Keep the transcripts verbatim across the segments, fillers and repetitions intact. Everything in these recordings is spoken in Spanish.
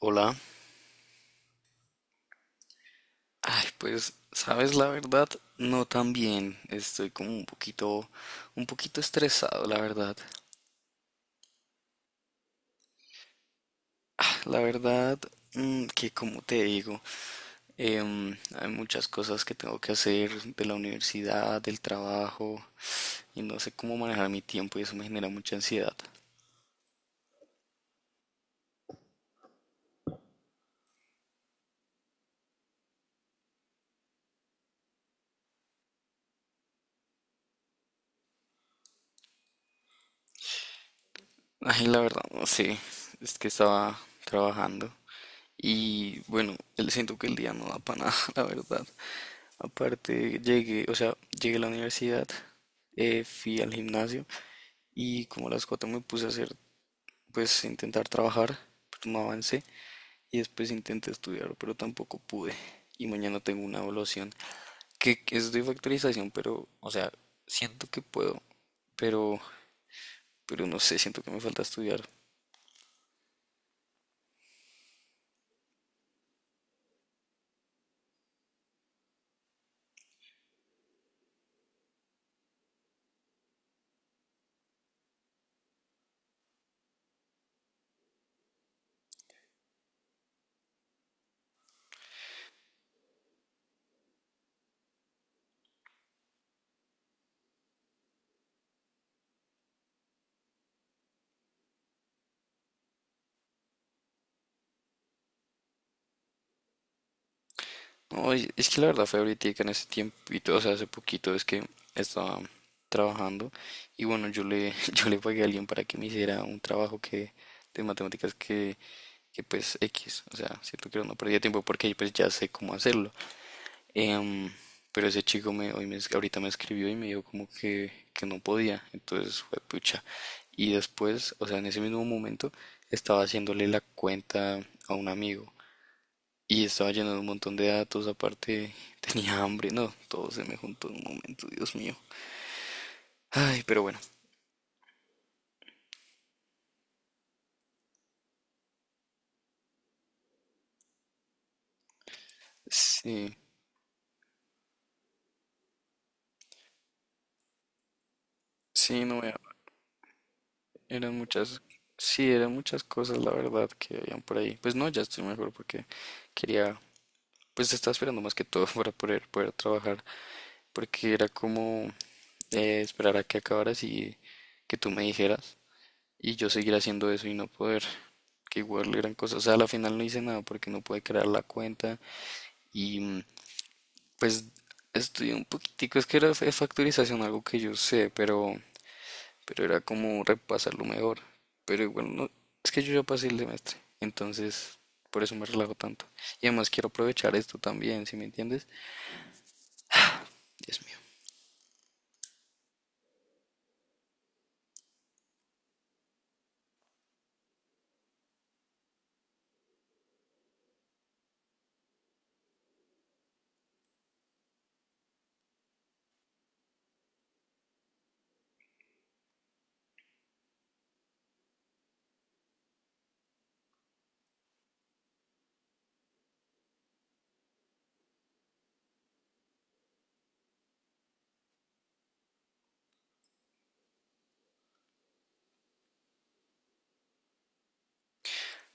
Hola. Ay, pues, sabes la verdad, no tan bien. Estoy como un poquito, un poquito estresado, la verdad. La verdad, mm, que como te digo, em, hay muchas cosas que tengo que hacer de la universidad, del trabajo, y no sé cómo manejar mi tiempo y eso me genera mucha ansiedad. Ay, la verdad, no sé, es que estaba trabajando y bueno, el- siento que el día no da para nada, la verdad. Aparte, llegué, o sea, llegué a la universidad, eh, fui al gimnasio y como a las cuatro me puse a hacer, pues intentar trabajar, pero no avancé y después intenté estudiar, pero tampoco pude. Y mañana tengo una evaluación que que es de factorización, pero, o sea, siento que puedo, pero, pero no sé, siento que me falta estudiar. No, es es que la verdad fue ahorita en ese tiempito, o sea, hace poquito es que estaba trabajando y bueno, yo le, yo le pagué a alguien para que me hiciera un trabajo que de matemáticas que, que pues X, o sea, siento que no perdía tiempo porque pues ya sé cómo hacerlo. Em, pero ese chico me, hoy me, es- ahorita me escribió y me dijo como que, que no podía, entonces fue pucha. Y después, o sea, en ese mismo momento estaba haciéndole la cuenta a un amigo y estaba lleno de un montón de datos, aparte tenía hambre, no, todo se me juntó en un momento, Dios mío. Ay, pero bueno, sí, sí, no, era- eran muchas, sí, eran muchas cosas, la verdad, que habían por ahí. Pues no, ya estoy mejor porque quería, pues estaba esperando más que todo para poder, poder trabajar, porque era como eh, esperar a que acabaras y que tú me dijeras, y yo seguir haciendo eso y no poder, que igual eran cosas, o sea, a la final no hice nada porque no pude crear la cuenta. Y mm, pues estudié un poquitico, es que era de factorización algo que yo sé, pero, pero era como repasarlo mejor. Pero igual no, es que yo ya pasé el semestre, entonces por eso me relajo tanto. Y además quiero aprovechar esto también, ¿si me entiendes? Dios mío.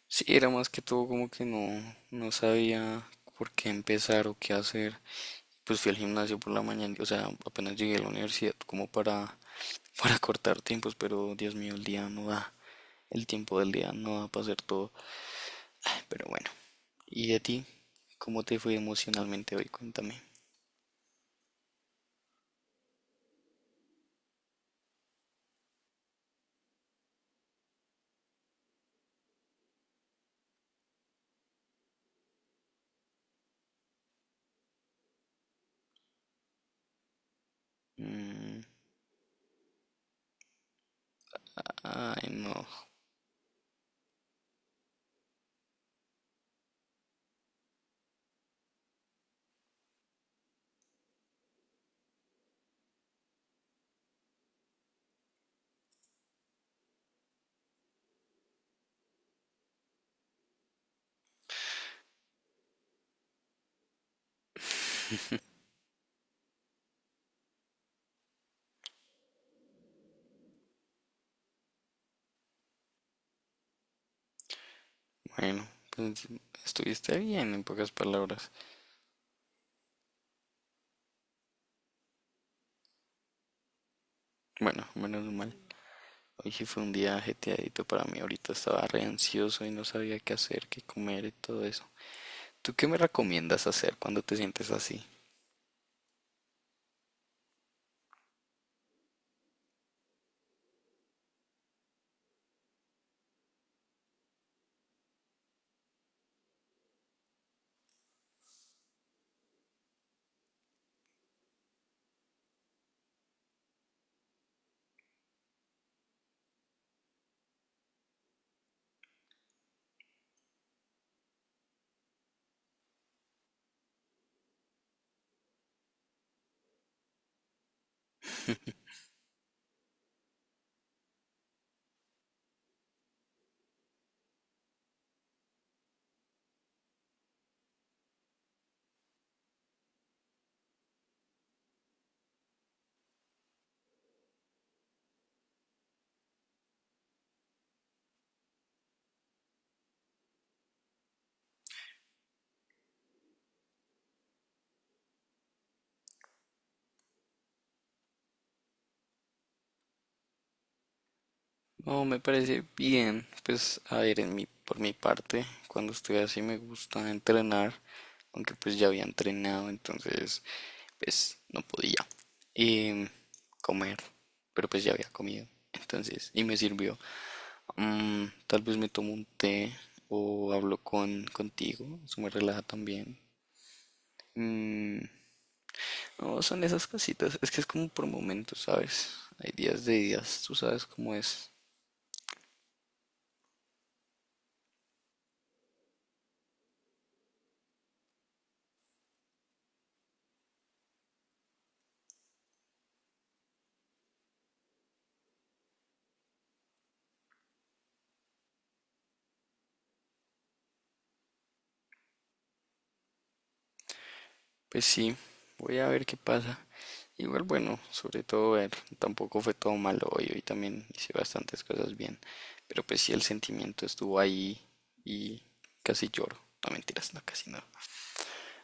Sí, era más que todo como que no, no sabía por qué empezar o qué hacer. Pues fui al gimnasio por la mañana, o sea, apenas llegué a la universidad como para, para cortar tiempos, pero Dios mío, el día no da, el tiempo del día no da para hacer todo. Pero bueno. ¿Y a ti? ¿Cómo te fue emocionalmente hoy? Cuéntame. Mm, ay, no. Bueno, pues estuviste bien en pocas palabras. Bueno, menos mal. Hoy sí fue un día ajetreadito para mí. Ahorita estaba re ansioso y no sabía qué hacer, qué comer y todo eso. ¿Tú qué me recomiendas hacer cuando te sientes así? No, me parece bien. Pues, a ver, en mi, por mi parte, cuando estoy así me gusta entrenar, aunque pues ya había entrenado, entonces pues no podía eh, comer, pero pues ya había comido. Entonces, y me sirvió. Mm, tal vez me tomo un té o hablo con contigo, eso me relaja también. Mm, no, son esas cositas, es que es como por momentos, ¿sabes? Hay días de días, tú sabes cómo es. Pues sí, voy a ver qué pasa. Igual bueno, sobre todo ver, tampoco fue todo malo hoy, hoy también hice bastantes cosas bien, pero pues sí el sentimiento estuvo ahí y casi lloro, no mentiras, no casi no,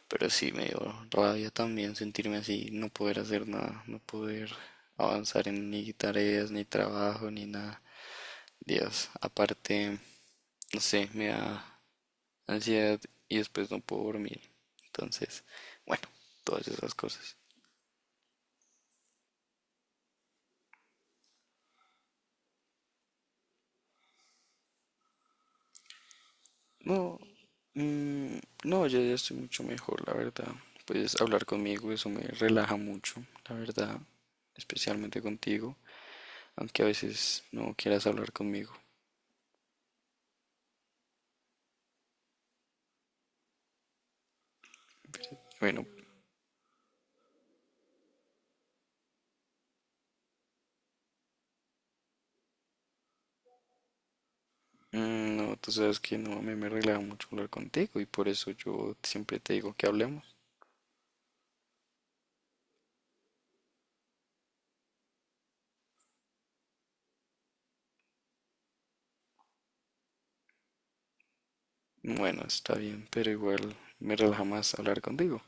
pero sí me dio rabia también sentirme así, no poder hacer nada, no poder avanzar en ni tareas, ni trabajo, ni nada, Dios, aparte, no sé, me da ansiedad y después no puedo dormir, entonces, bueno, todas esas cosas. No, mm, no, ya, ya estoy mucho mejor, la verdad. Puedes hablar conmigo, eso me relaja mucho, la verdad, especialmente contigo, aunque a veces no quieras hablar conmigo. Bueno, mm, no, tú sabes que no, a mí me relaja mucho hablar contigo y por eso yo siempre te digo que hablemos. Bueno, está bien, pero igual me relaja más hablar contigo.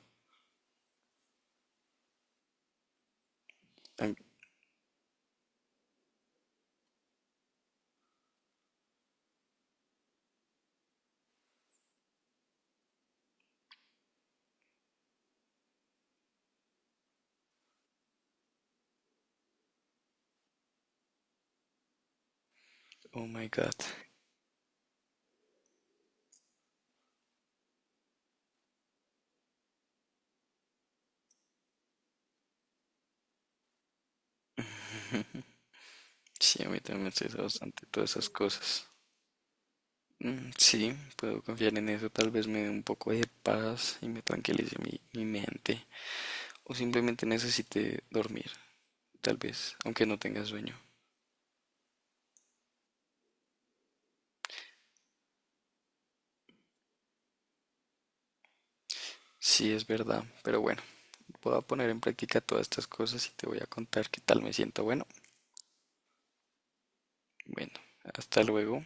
Tan- Oh my God. Sí, a mí también me estresa bastante todas esas cosas. Mm, Sí, puedo confiar en eso. Tal vez me dé un poco de paz y me tranquilice mi, mi mente. O simplemente necesite dormir, tal vez, aunque no tenga sueño. Sí, es verdad. Pero bueno, voy a poner en práctica todas estas cosas y te voy a contar qué tal me siento. Bueno, bueno, hasta luego.